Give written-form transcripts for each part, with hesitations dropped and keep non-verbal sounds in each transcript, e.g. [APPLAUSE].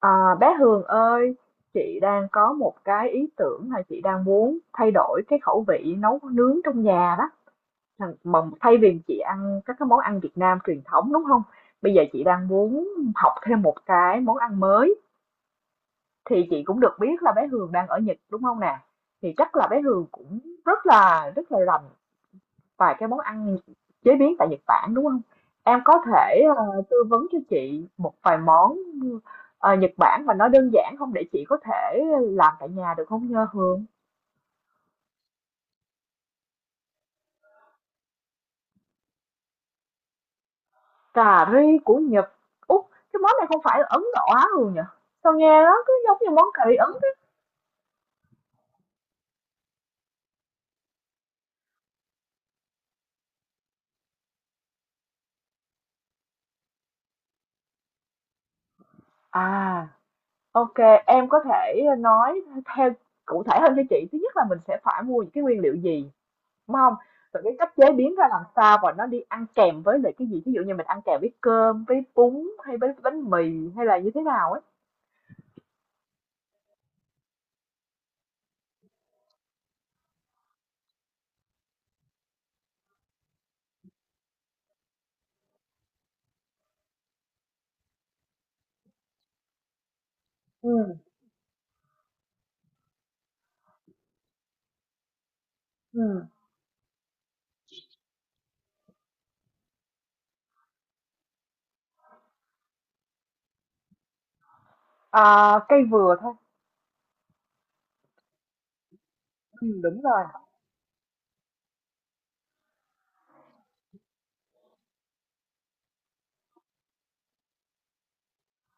À, bé Hường ơi, chị đang có một cái ý tưởng là chị đang muốn thay đổi cái khẩu vị nấu nướng trong nhà đó. Mà thay vì chị ăn các cái món ăn Việt Nam truyền thống, đúng không? Bây giờ chị đang muốn học thêm một cái món ăn mới. Thì chị cũng được biết là bé Hường đang ở Nhật, đúng không nè? Thì chắc là bé Hường cũng rất là rành vài cái món ăn chế biến tại Nhật Bản, đúng không? Em có thể, tư vấn cho chị một vài món, Nhật Bản mà nó đơn giản không, để chị có thể làm tại nhà được không nhơ Hương? Cà ri của Nhật, út cái món này không phải là Ấn Độ Á Hường nhỉ? Sao nghe nó cứ giống như món cà ri Ấn thế? À, ok, em có thể nói theo cụ thể hơn cho chị. Thứ nhất là mình sẽ phải mua những cái nguyên liệu gì? Đúng không? Rồi cái cách chế biến ra làm sao và nó đi ăn kèm với lại cái gì? Ví dụ như mình ăn kèm với cơm, với bún hay với bánh mì hay là như thế nào ấy? Ừm, ừm. À, cây vừa thôi. Ừm. Đúng rồi.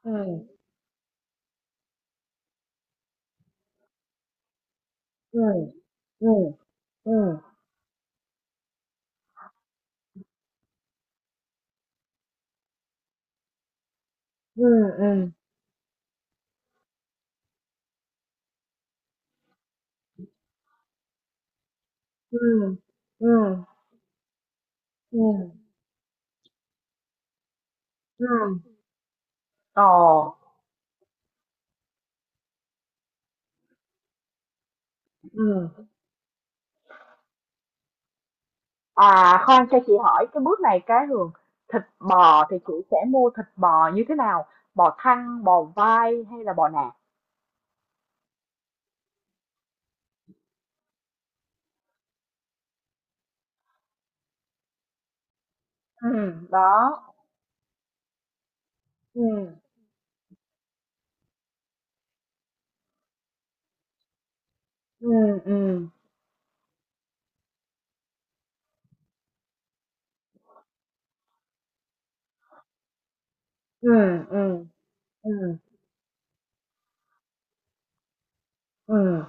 Ừm, ừm, ừm, ừm, ừm, ừm, ừm, ừm, ừm, ừm. Ồ. Ừm. À, khoan cho chị hỏi cái bước này cái Hường, thịt bò thì chị sẽ mua thịt bò như thế nào? Bò thăn, bò vai hay là bò nạc? Ừm. Đó. Ừm. Ừ, ừ, ừ, ừ, ừ, ừm.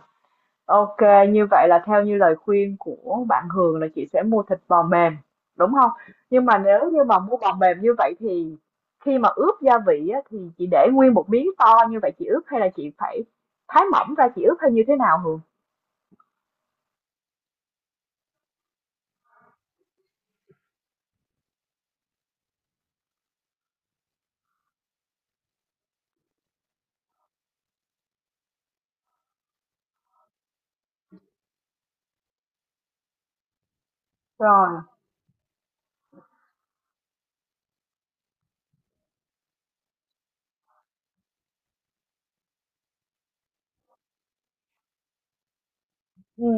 Ô, như vậy là theo như lời khuyên của bạn Hường là chị sẽ mua thịt bò mềm, đúng không? Nhưng mà nếu như mà mua bò mềm như vậy thì khi mà ướp gia vị á, thì chị để nguyên một miếng to như vậy chị ướp hay là chị phải thái mỏng ra chị ướp hay như thế nào Hường? Rồi, ừ,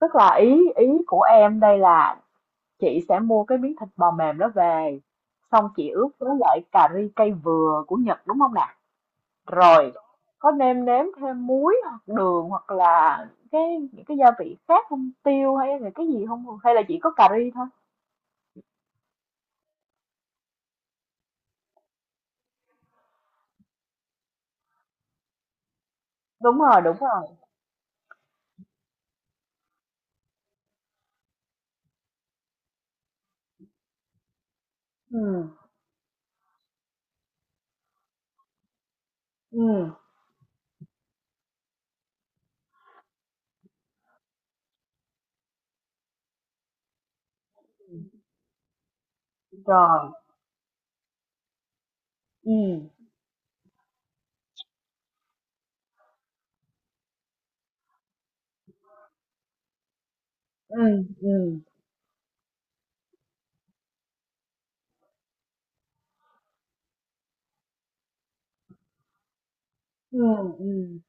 tức là ý ý của em đây là chị sẽ mua cái miếng thịt bò mềm đó về, xong chị ướp với lại cà ri cây vừa của Nhật, đúng không nè? Rồi có nêm nếm thêm muối hoặc đường hoặc là cái những cái gia vị khác không? Tiêu hay là cái gì hông? Hay là chỉ có cà ri thôi? Đúng rồi, đúng rồi. Ừ, ừ, rồi, ừ, ừ, ừ, ừ, ừm.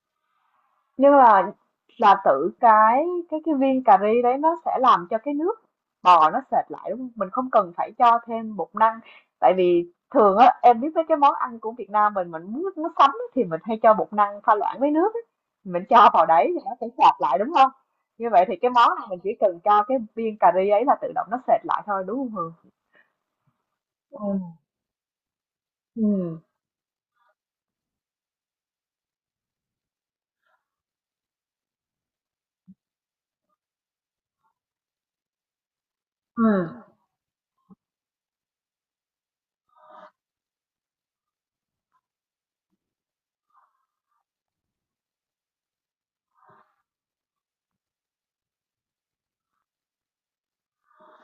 Nhưng mà là tự cái cái viên cà ri đấy nó sẽ làm cho cái nước bò nó sệt lại, đúng không? Mình không cần phải cho thêm bột năng. Tại vì thường á em biết mấy cái món ăn của Việt Nam mình muốn nó sánh á, thì mình hay cho bột năng pha loãng với nước á. Mình cho vào đấy thì nó sẽ sệt lại, đúng không? Như vậy thì cái món này mình chỉ cần cho cái viên cà ri ấy là tự động nó sệt lại thôi, đúng không Hường? Ừ. Ừ. Ừ.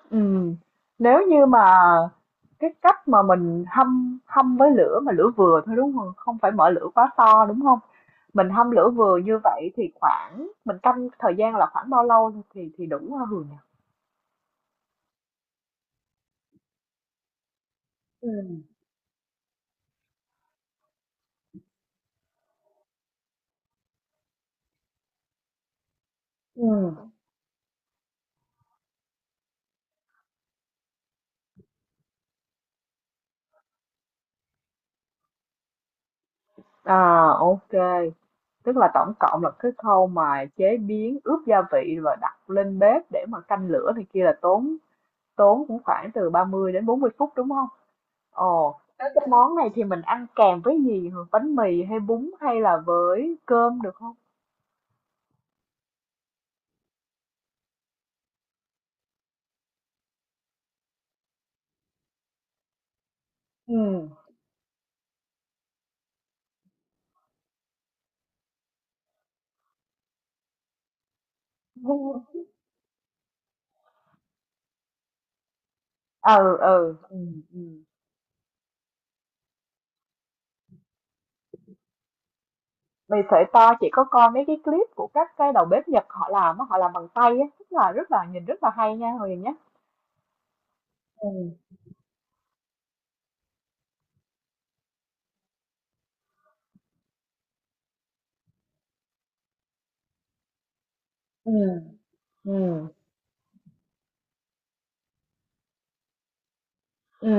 Ừ, nếu như mà cái cách mà mình hâm hâm với lửa mà lửa vừa thôi, đúng không? Không phải mở lửa quá to, đúng không? Mình hâm lửa vừa như vậy thì khoảng mình canh thời gian là khoảng bao lâu thì đủ hả Hường nhỉ? Ừ. Ừm, à, ô, tức là tổng cộng là cái khâu mà chế biến, ướp gia vị và đặt lên bếp để mà canh lửa này kia là tốn, cũng khoảng từ 30 đến 40 phút, đúng không? Ồ, thế cái món này thì mình ăn kèm với gì hả? Bánh mì hay bún hay là với cơm được không? Ừ. [LAUGHS] Ừ, ừ. Ừ. Ừ. Mì sợi to chị có coi mấy cái clip của các cái đầu bếp Nhật họ làm á, họ làm bằng tay á, rất là nhìn rất là hay nha Huyền nhé. Ừ. Ừ. Ừ. Ừ.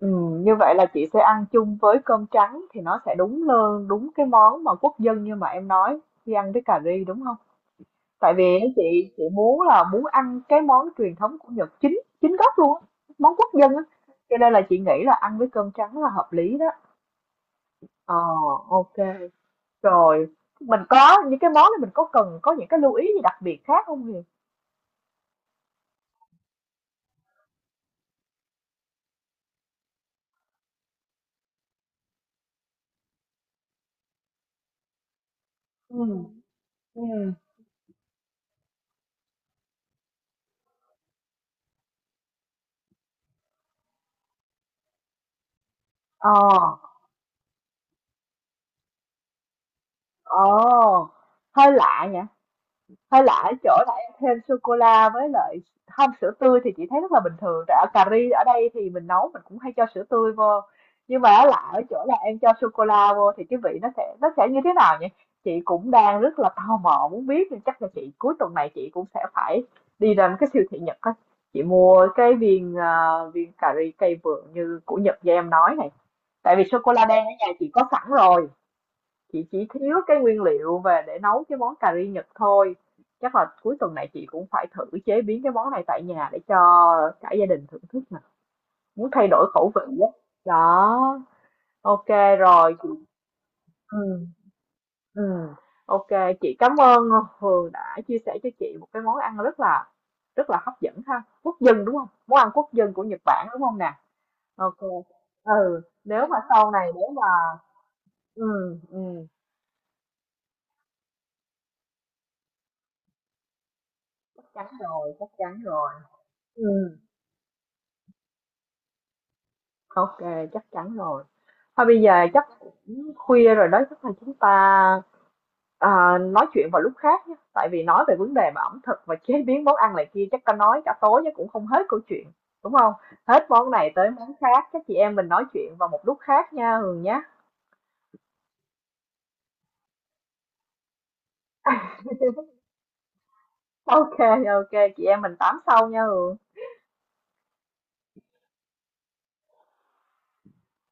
Ừ. Như vậy là chị sẽ ăn chung với cơm trắng thì nó sẽ đúng hơn, đúng cái món mà quốc dân như mà em nói khi ăn với cà ri, đúng không? Tại vì á chị muốn là muốn ăn cái món truyền thống của Nhật chính chính gốc luôn á, món quốc dân á. Cho nên là chị nghĩ là ăn với cơm trắng là hợp lý đó. Ờ, ok. Rồi, mình có những cái món này mình có cần có những cái lưu ý gì đặc biệt khác không Huyền? Ừ. Ừ. Ờ, ờ, hơi lạ nhỉ. Hay là ở chỗ là em thêm sô cô la với lại không sữa tươi thì chị thấy rất là bình thường, tại ở cà ri ở đây thì mình nấu mình cũng hay cho sữa tươi vô, nhưng mà là ở chỗ là em cho sô cô la vô thì cái vị nó sẽ như thế nào nhỉ, chị cũng đang rất là tò mò muốn biết nên chắc là chị cuối tuần này chị cũng sẽ phải đi ra một cái siêu thị Nhật á, chị mua cái viên, viên cà ri cây vườn như của Nhật như em nói này, tại vì sô cô la đen ở nhà chị có sẵn rồi, chị chỉ thiếu cái nguyên liệu về để nấu cái món cà ri Nhật thôi, chắc là cuối tuần này chị cũng phải thử chế biến cái món này tại nhà để cho cả gia đình thưởng thức nè, muốn thay đổi khẩu vị á đó. Ok, rồi chị, ừ, ừ. Ok, chị cảm ơn Hường đã chia sẻ cho chị một cái món ăn rất là hấp dẫn ha, quốc dân, đúng không? Món ăn quốc dân của Nhật Bản, đúng không nè? Ok. Ừ, nếu mà sau này nếu mà, ừ, ừ, chắc chắn rồi, chắc chắn rồi, ừ. Ok, chắc chắn rồi. Thôi bây giờ chắc cũng khuya rồi đó, chắc là chúng ta, à, nói chuyện vào lúc khác nhé. Tại vì nói về vấn đề mà ẩm thực và chế biến món ăn này kia chắc ta nói cả tối chắc cũng không hết câu chuyện, đúng không? Hết món này tới món khác, các chị em mình nói chuyện vào một lúc khác nha Hường nhé. Ok, ok, chị em mình tám sau nha Hường.